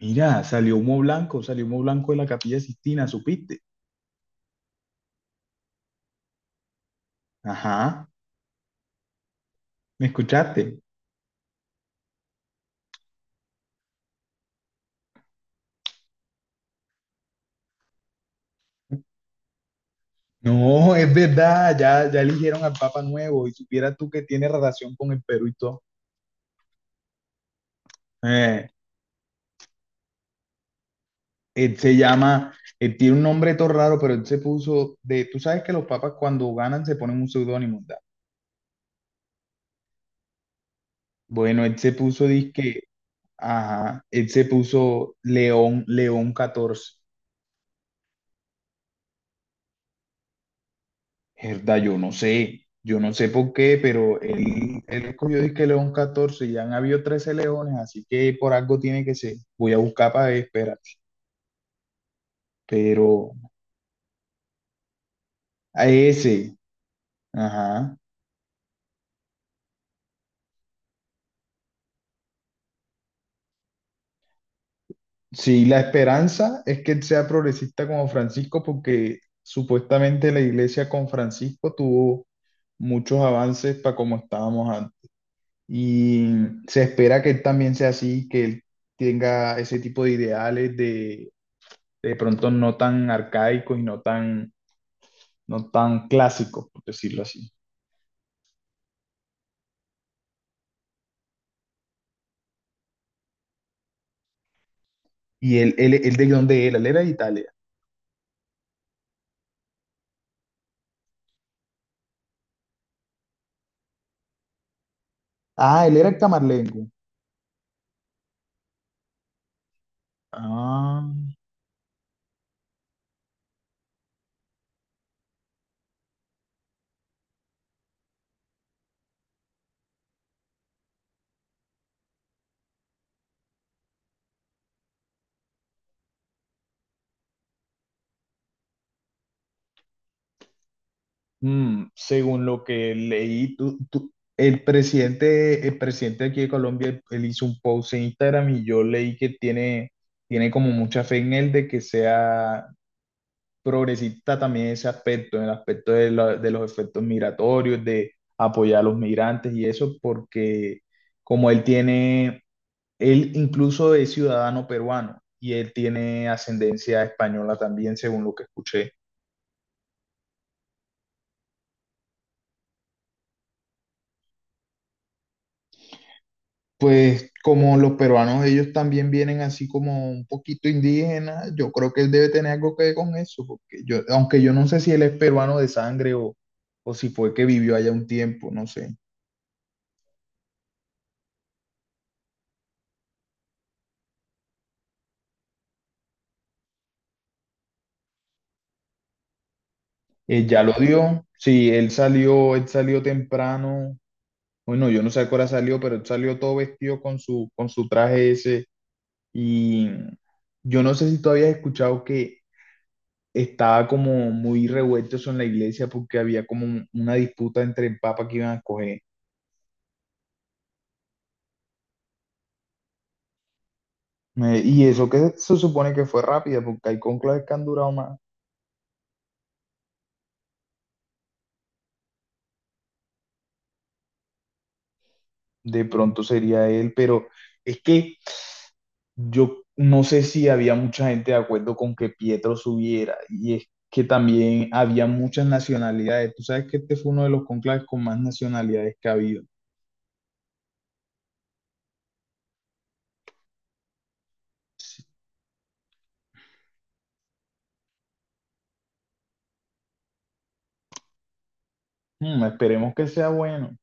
Mira, salió humo blanco de la Capilla Sistina, ¿supiste? Ajá, ¿me escuchaste? No, es verdad, ya eligieron al Papa nuevo y supieras tú que tiene relación con el Perú y todo. Eh, él se llama, él tiene un nombre todo raro, pero él se puso tú sabes que los papas cuando ganan se ponen un seudónimo, ¿verdad? Bueno, él se puso disque, ajá, él se puso León, León XIV. Herda, yo no sé por qué, pero él escogió disque León XIV, ya han habido 13 leones, así que por algo tiene que ser. Voy a buscar para ver, espérate. Pero a ese, ajá. Sí, la esperanza es que él sea progresista como Francisco, porque supuestamente la iglesia con Francisco tuvo muchos avances para como estábamos antes. Y se espera que él también sea así, que él tenga ese tipo de ideales de pronto no tan arcaicos y no tan, no tan clásicos, por decirlo así. ¿Y él de dónde era? Él era de Italia. Ah, él era camarlengo. Ah, mm, según lo que leí, el presidente aquí de Colombia, él hizo un post en Instagram y yo leí que tiene, tiene como mucha fe en él de que sea progresista también en ese aspecto, en el aspecto de los efectos migratorios, de apoyar a los migrantes y eso, porque como él tiene, él incluso es ciudadano peruano y él tiene ascendencia española también, según lo que escuché. Pues como los peruanos, ellos también vienen así como un poquito indígenas, yo creo que él debe tener algo que ver con eso, porque yo, aunque yo no sé si él es peruano de sangre o si fue que vivió allá un tiempo, no sé. Ya lo dio. Sí, él salió temprano. Bueno, yo no sé a qué hora salió, pero él salió todo vestido con con su traje ese. Y yo no sé si tú habías escuchado que estaba como muy revuelto eso en la iglesia porque había como una disputa entre el papa que iban a escoger. Y eso que se supone que fue rápida, porque hay cónclaves que han durado más. De pronto sería él, pero es que yo no sé si había mucha gente de acuerdo con que Pietro subiera, y es que también había muchas nacionalidades. Tú sabes que este fue uno de los conclaves con más nacionalidades que ha habido. Sí. Mm, esperemos que sea bueno,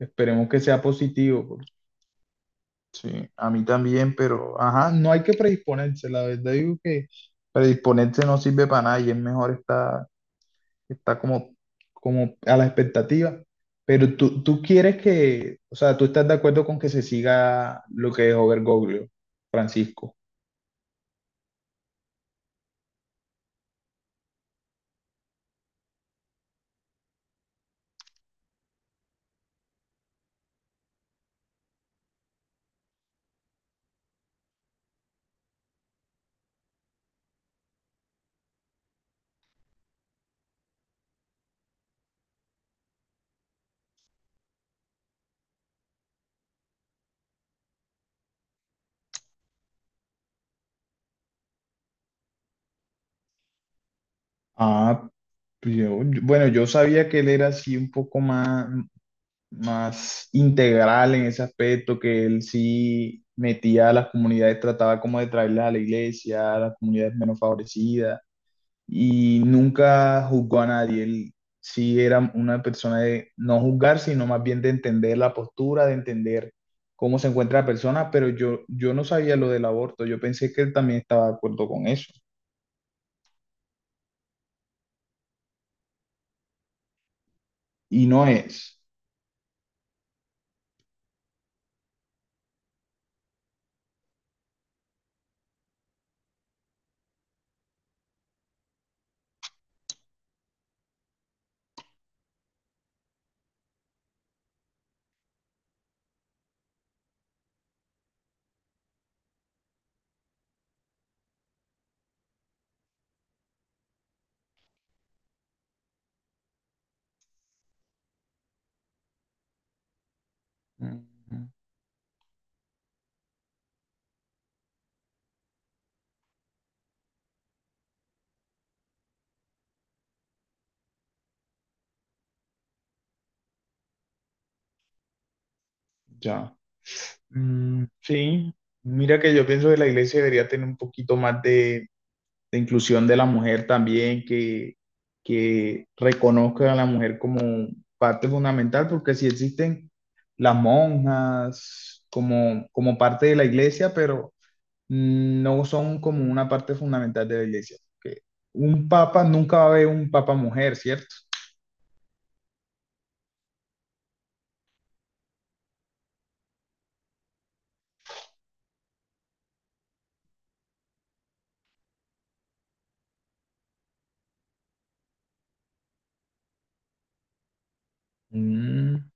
esperemos que sea positivo. Sí, a mí también, pero ajá, no hay que predisponerse, la verdad digo que predisponerse no sirve para nada y es mejor estar está como, como a la expectativa, pero tú quieres que, o sea, tú estás de acuerdo con que se siga lo que dejó Bergoglio, Francisco. Ah, pues bueno, yo sabía que él era así un poco más, más integral en ese aspecto, que él sí metía a las comunidades, trataba como de traerlas a la iglesia, a las comunidades menos favorecidas. Y nunca juzgó a nadie. Él sí era una persona de no juzgar, sino más bien de entender la postura, de entender cómo se encuentra la persona, pero yo no sabía lo del aborto. Yo pensé que él también estaba de acuerdo con eso. Y no es, mm, ya. Mm, sí, mira que yo pienso que la iglesia debería tener un poquito más de inclusión de la mujer también, que reconozca a la mujer como parte fundamental, porque si existen las monjas como, como parte de la iglesia, pero no son como una parte fundamental de la iglesia. Que un papa, nunca va a haber un papa mujer, ¿cierto? Mm,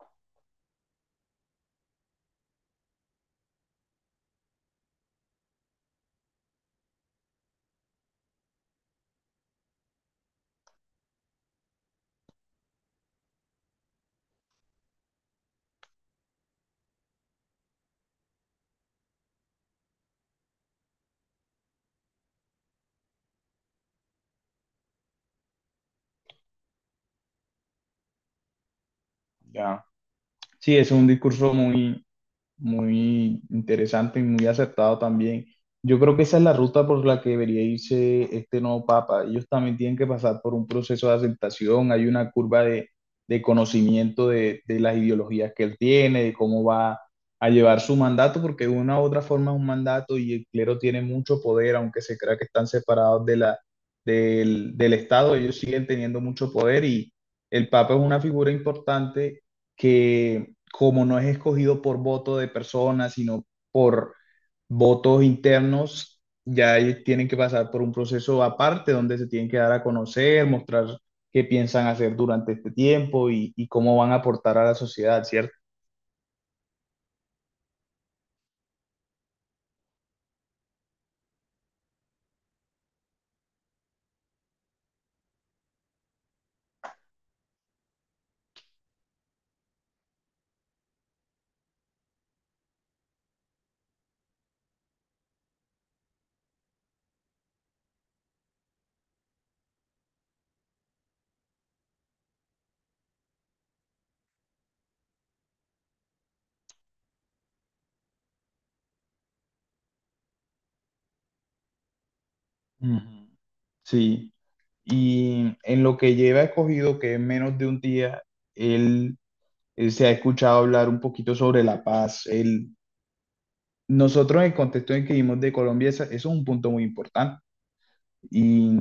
ya. Sí, es un discurso muy, muy interesante y muy acertado también. Yo creo que esa es la ruta por la que debería irse este nuevo papa. Ellos también tienen que pasar por un proceso de aceptación, hay una curva de conocimiento de las ideologías que él tiene, de cómo va a llevar su mandato, porque de una u otra forma es un mandato y el clero tiene mucho poder, aunque se crea que están separados de del Estado, ellos siguen teniendo mucho poder y el papa es una figura importante que como no es escogido por voto de personas, sino por votos internos, ya ellos tienen que pasar por un proceso aparte donde se tienen que dar a conocer, mostrar qué piensan hacer durante este tiempo y cómo van a aportar a la sociedad, ¿cierto? Ujú. Sí, y en lo que lleva escogido, que es menos de un día, él, él se ha escuchado hablar un poquito sobre la paz. Él, nosotros en el contexto en que vivimos de Colombia, eso es un punto muy importante. Y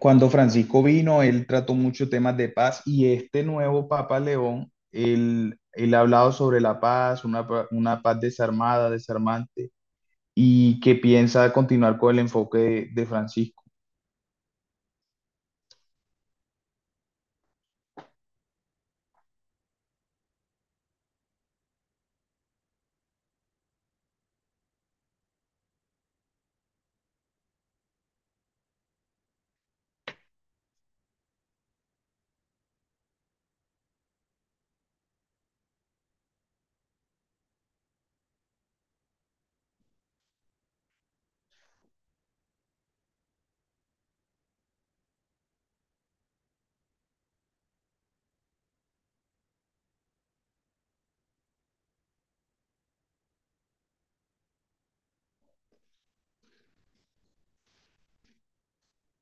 cuando Francisco vino, él trató muchos temas de paz y este nuevo Papa León, él ha hablado sobre la paz, una paz desarmada, desarmante, y que piensa continuar con el enfoque de Francisco.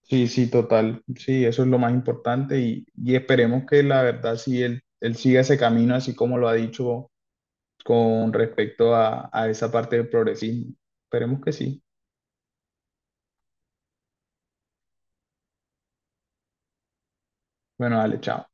Sí, sí, total. Sí, eso es lo más importante y esperemos que la verdad sí, él siga ese camino así como lo ha dicho con respecto a esa parte del progresismo. Esperemos que sí. Bueno, dale, chao.